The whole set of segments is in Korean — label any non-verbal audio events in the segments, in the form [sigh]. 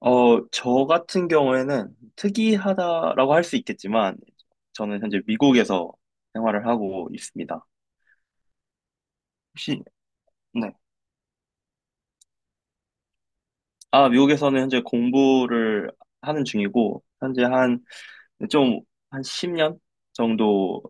저 같은 경우에는 특이하다라고 할 수 있겠지만, 저는 현재 미국에서 생활을 하고 있습니다. 혹시, 네. 아, 미국에서는 현재 공부를 하는 중이고, 현재 좀, 한 10년 정도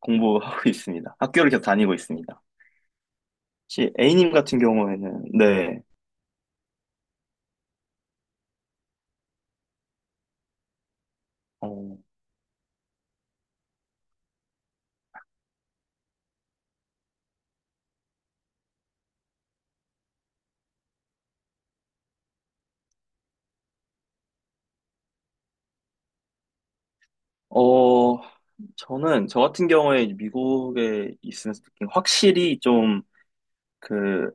공부하고 [laughs] 있습니다. 학교를 계속 다니고 있습니다. 혹시 A님 같은 경우에는, 네. 어, 어, 저 같은 경우에 미국에 있으면서 느낀 확실히 좀, 그,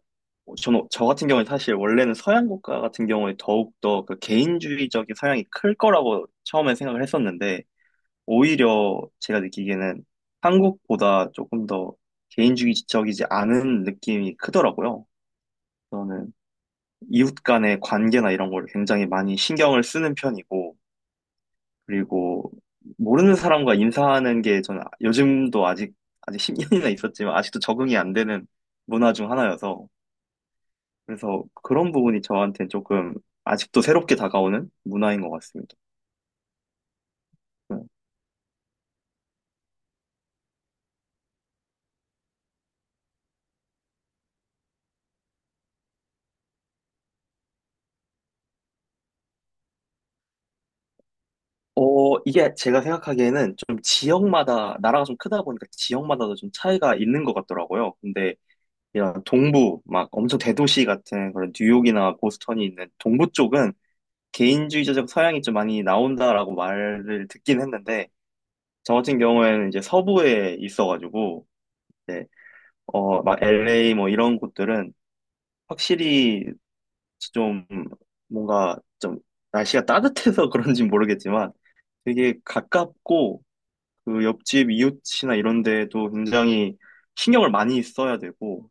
저 같은 경우에 사실 원래는 서양 국가 같은 경우에 더욱더 그 개인주의적인 성향이 클 거라고 처음에 생각을 했었는데, 오히려 제가 느끼기에는 한국보다 조금 더 개인주의적이지 않은 느낌이 크더라고요. 저는 이웃 간의 관계나 이런 걸 굉장히 많이 신경을 쓰는 편이고, 그리고 모르는 사람과 인사하는 게 저는 요즘도 아직 10년이나 있었지만 아직도 적응이 안 되는 문화 중 하나여서, 그래서 그런 부분이 저한테 조금 아직도 새롭게 다가오는 문화인 것 같습니다. 네. 이게 제가 생각하기에는 좀 지역마다, 나라가 좀 크다 보니까 지역마다도 좀 차이가 있는 것 같더라고요. 근데 이런 동부, 막 엄청 대도시 같은 그런 뉴욕이나 보스턴이 있는 동부 쪽은 개인주의적 서양이 좀 많이 나온다라고 말을 듣긴 했는데, 저 같은 경우에는 이제 서부에 있어가지고, 이제 막 LA 뭐 이런 곳들은 확실히 좀 뭔가 좀 날씨가 따뜻해서 [laughs] 그런지 모르겠지만 되게 가깝고 그 옆집 이웃이나 이런 데에도 굉장히 신경을 많이 써야 되고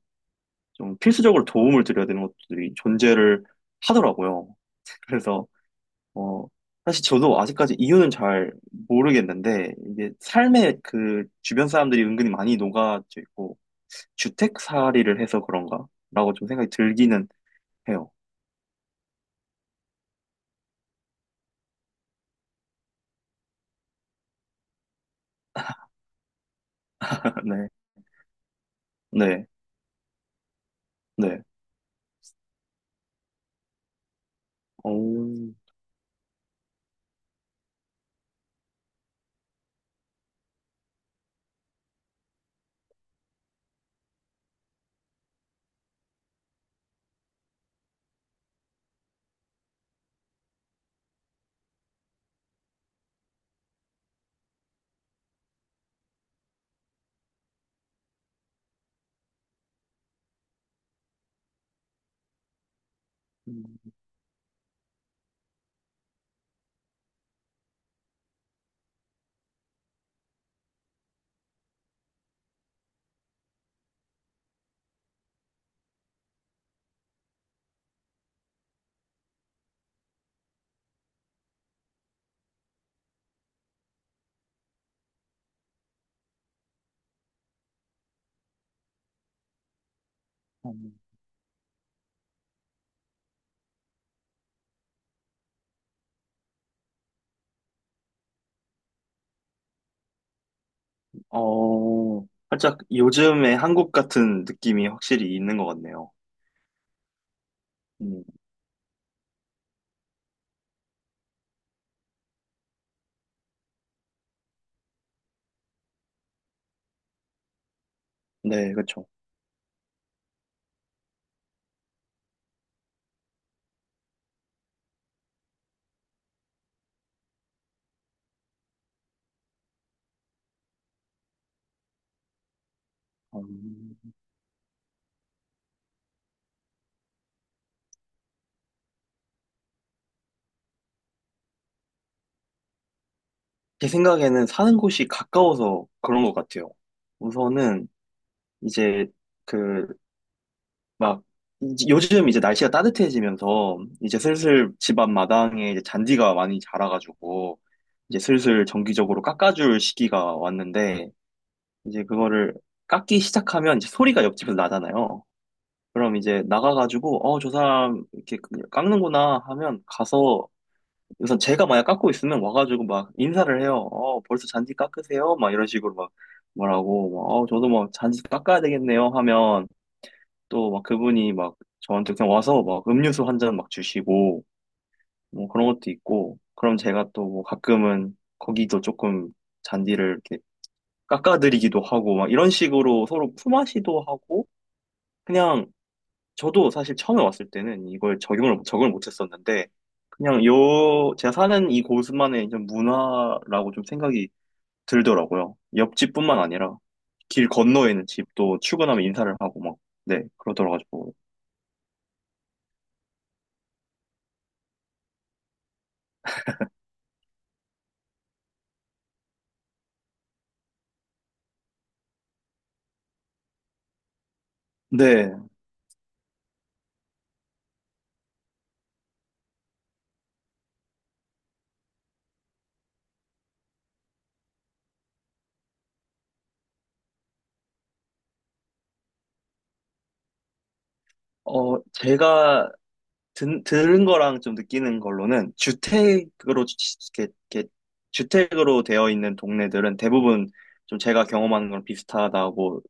좀 필수적으로 도움을 드려야 되는 것들이 존재를 하더라고요. [laughs] 그래서 어 사실 저도 아직까지 이유는 잘 모르겠는데 이게 삶에 그 주변 사람들이 은근히 많이 녹아져 있고 주택살이를 해서 그런가라고 좀 생각이 들기는 해요. [laughs] 네, 네, 네. 오. 음, 음. 살짝 요즘의 한국 같은 느낌이 확실히 있는 것 같네요. 음, 네, 그쵸. 음, 제 생각에는 사는 곳이 가까워서 그런 것 같아요. 우선은 이제 그, 막, 요즘 이제 날씨가 따뜻해지면서 이제 슬슬 집 앞 마당에 이제 잔디가 많이 자라가지고 이제 슬슬 정기적으로 깎아줄 시기가 왔는데 이제 그거를 깎기 시작하면 이제 소리가 옆집에서 나잖아요. 그럼 이제 나가가지고, 저 사람 이렇게 깎는구나 하면 가서, 우선 제가 만약 깎고 있으면 와가지고 막 인사를 해요. 어, 벌써 잔디 깎으세요? 막 이런 식으로 막 말하고, 막, 저도 막 잔디 깎아야 되겠네요 하면 또 막 그분이 막 저한테 그냥 와서 막 음료수 한 잔 막 주시고, 뭐 그런 것도 있고, 그럼 제가 또 뭐 가끔은 거기도 조금 잔디를 이렇게 깎아드리기도 하고, 막 이런 식으로 서로 품앗이도 하고, 그냥 저도 사실 처음에 왔을 때는 이걸 적응을 못 했었는데, 그냥 요, 제가 사는 이 곳만의 좀 문화라고 좀 생각이 들더라고요. 옆집뿐만 아니라, 길 건너에 있는 집도 출근하면 인사를 하고 막, 네, 그러더라가지고. 네, 제가 들은 거랑 좀 느끼는 걸로는, 주택으로, 이렇게 주택으로 되어 있는 동네들은 대부분 좀 제가 경험하는 거랑 비슷하다고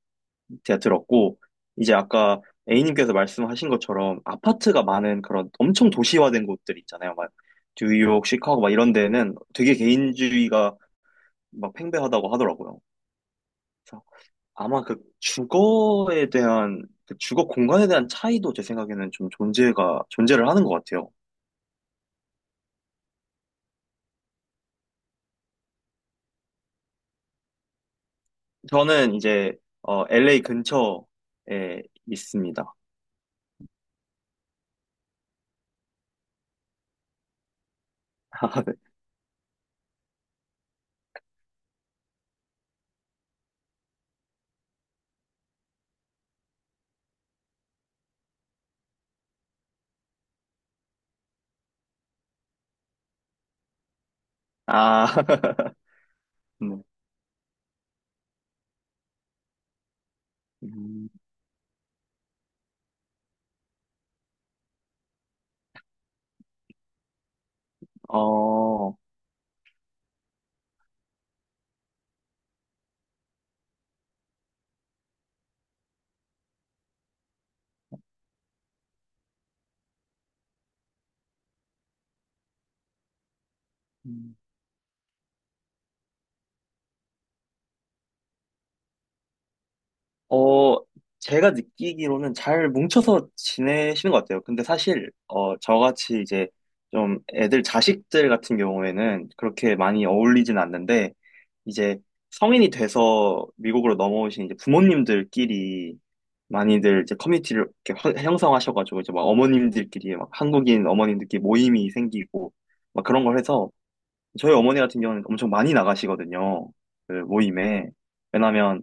제가 들었고, 이제 아까 A님께서 말씀하신 것처럼 아파트가 많은 그런 엄청 도시화된 곳들 있잖아요. 막 뉴욕, 시카고 막 이런 데는 되게 개인주의가 막 팽배하다고 하더라고요. 그래서 아마 그 주거에 대한, 그 주거 공간에 대한 차이도 제 생각에는 좀 존재를 하는 것 같아요. 저는 이제, LA 근처에 있습니다. [laughs] 아, [laughs] 네. 음, 어, 어, 제가 느끼기로는 잘 뭉쳐서 지내시는 것 같아요. 근데 사실, 저같이 이제 좀 애들 자식들 같은 경우에는 그렇게 많이 어울리진 않는데, 이제 성인이 돼서 미국으로 넘어오신 이제 부모님들끼리 많이들 이제 커뮤니티를 이렇게 형성하셔가지고 이제 막 어머님들끼리 막 한국인 어머님들끼리 모임이 생기고 막 그런 걸 해서 저희 어머니 같은 경우는 엄청 많이 나가시거든요. 그 모임에. 왜냐면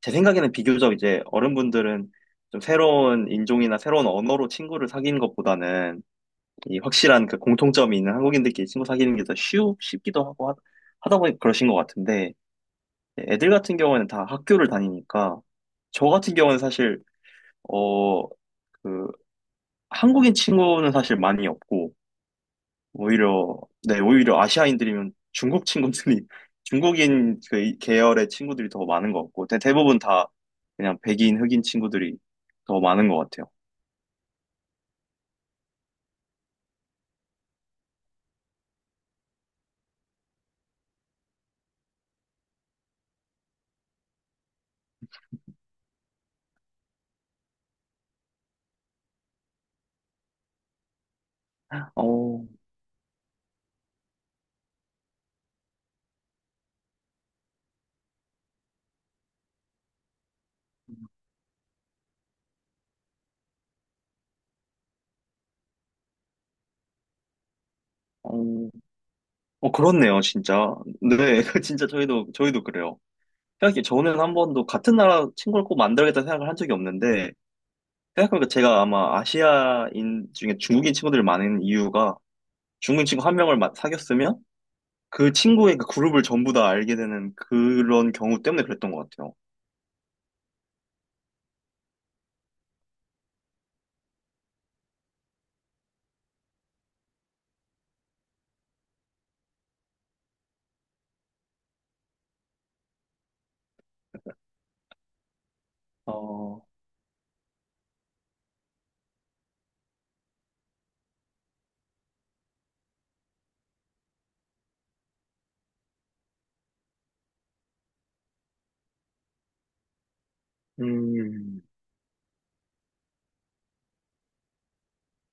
제 생각에는 비교적 이제 어른분들은 좀 새로운 인종이나 새로운 언어로 친구를 사귀는 것보다는 이 확실한 그 공통점이 있는 한국인들끼리 친구 사귀는 게 더 쉽기도 하고 하다 보니 그러신 것 같은데 애들 같은 경우에는 다 학교를 다니니까 저 같은 경우는 사실 어, 그 한국인 친구는 사실 많이 없고 오히려, 네, 오히려 아시아인들이면 중국 친구들이, [laughs] 중국인 그 계열의 친구들이 더 많은 것 같고, 대부분 다 그냥 백인, 흑인 친구들이 더 많은 것 같아요. 어, 어, 그렇네요, 진짜. 네, [laughs] 진짜 저희도 그래요. 저는 한 번도 같은 나라 친구를 꼭 만들겠다 생각을 한 적이 없는데, 생각해보니까 제가 아마 아시아인 중에 중국인 친구들이 많은 이유가 중국인 친구 한 명을 사귀었으면 그 친구의 그 그룹을 전부 다 알게 되는 그런 경우 때문에 그랬던 것 같아요. 어, 음,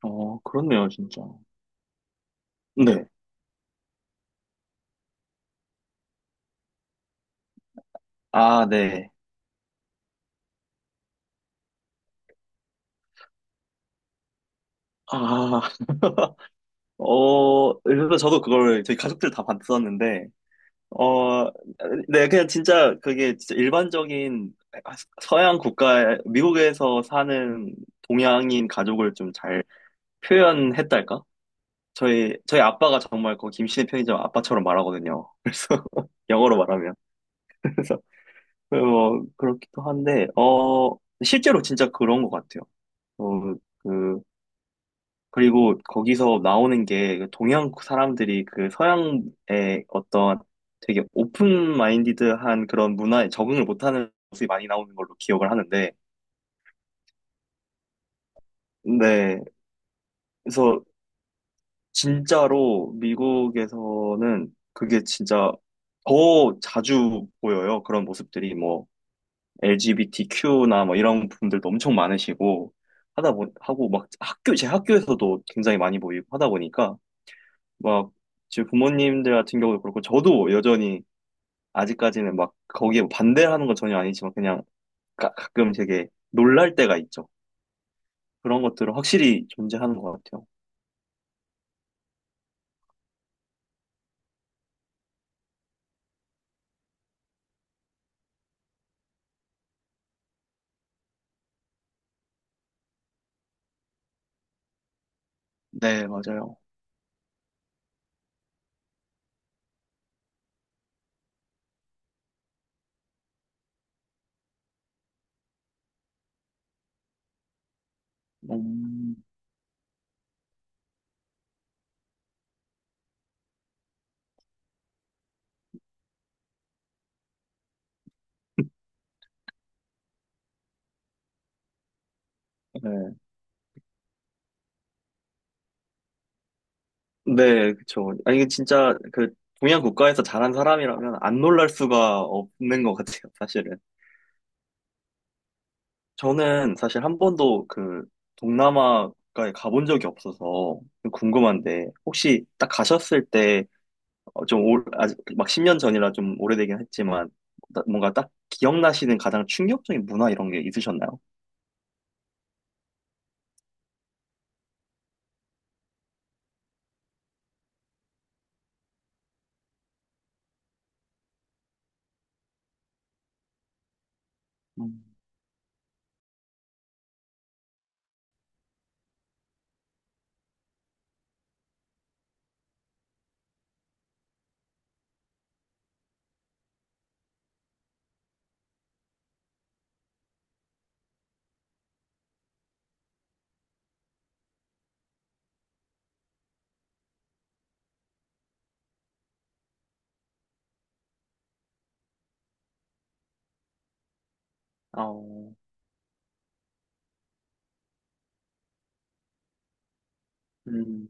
그렇네요, 진짜. 네. 아, 네. 아, [laughs] 그래서 저도 그걸 저희 가족들 다 봤었는데, 어, 네, 그냥 진짜 그게 진짜 일반적인 서양 국가, 미국에서 사는 동양인 가족을 좀 잘 표현했달까? 저희 아빠가 정말 그 김씨의 편의점 아빠처럼 말하거든요. 그래서 [laughs] 영어로 말하면. 그래서 그렇기도 한데 실제로 진짜 그런 것 같아요. 어 그 그리고 거기서 나오는 게그 동양 사람들이 그 서양의 어떤 되게 오픈 마인디드한 그런 문화에 적응을 못하는 모습이 많이 나오는 걸로 기억을 하는데, 네, 그래서 진짜로 미국에서는 그게 진짜 더 자주 보여요. 그런 모습들이 뭐 LGBTQ나 뭐 이런 분들도 엄청 많으시고 하고 막 학교 제 학교에서도 굉장히 많이 보이고 하다 보니까 막 제 부모님들 같은 경우도 그렇고 저도 여전히 아직까지는 막 거기에 뭐 반대하는 건 전혀 아니지만 그냥 가끔 되게 놀랄 때가 있죠. 그런 것들은 확실히 존재하는 것 같아요. 네, 맞아요. 음, 네. 네, 그쵸. 아니, 이게 진짜 그 동양 국가에서 자란 사람이라면 안 놀랄 수가 없는 것 같아요, 사실은. 저는 사실 한 번도 그 동남아가에 가본 적이 없어서 좀 궁금한데 혹시 딱 가셨을 때 좀 아직 막 10년 전이라 좀 오래되긴 했지만 뭔가 딱 기억나시는 가장 충격적인 문화 이런 게 있으셨나요? 음, 어, 음,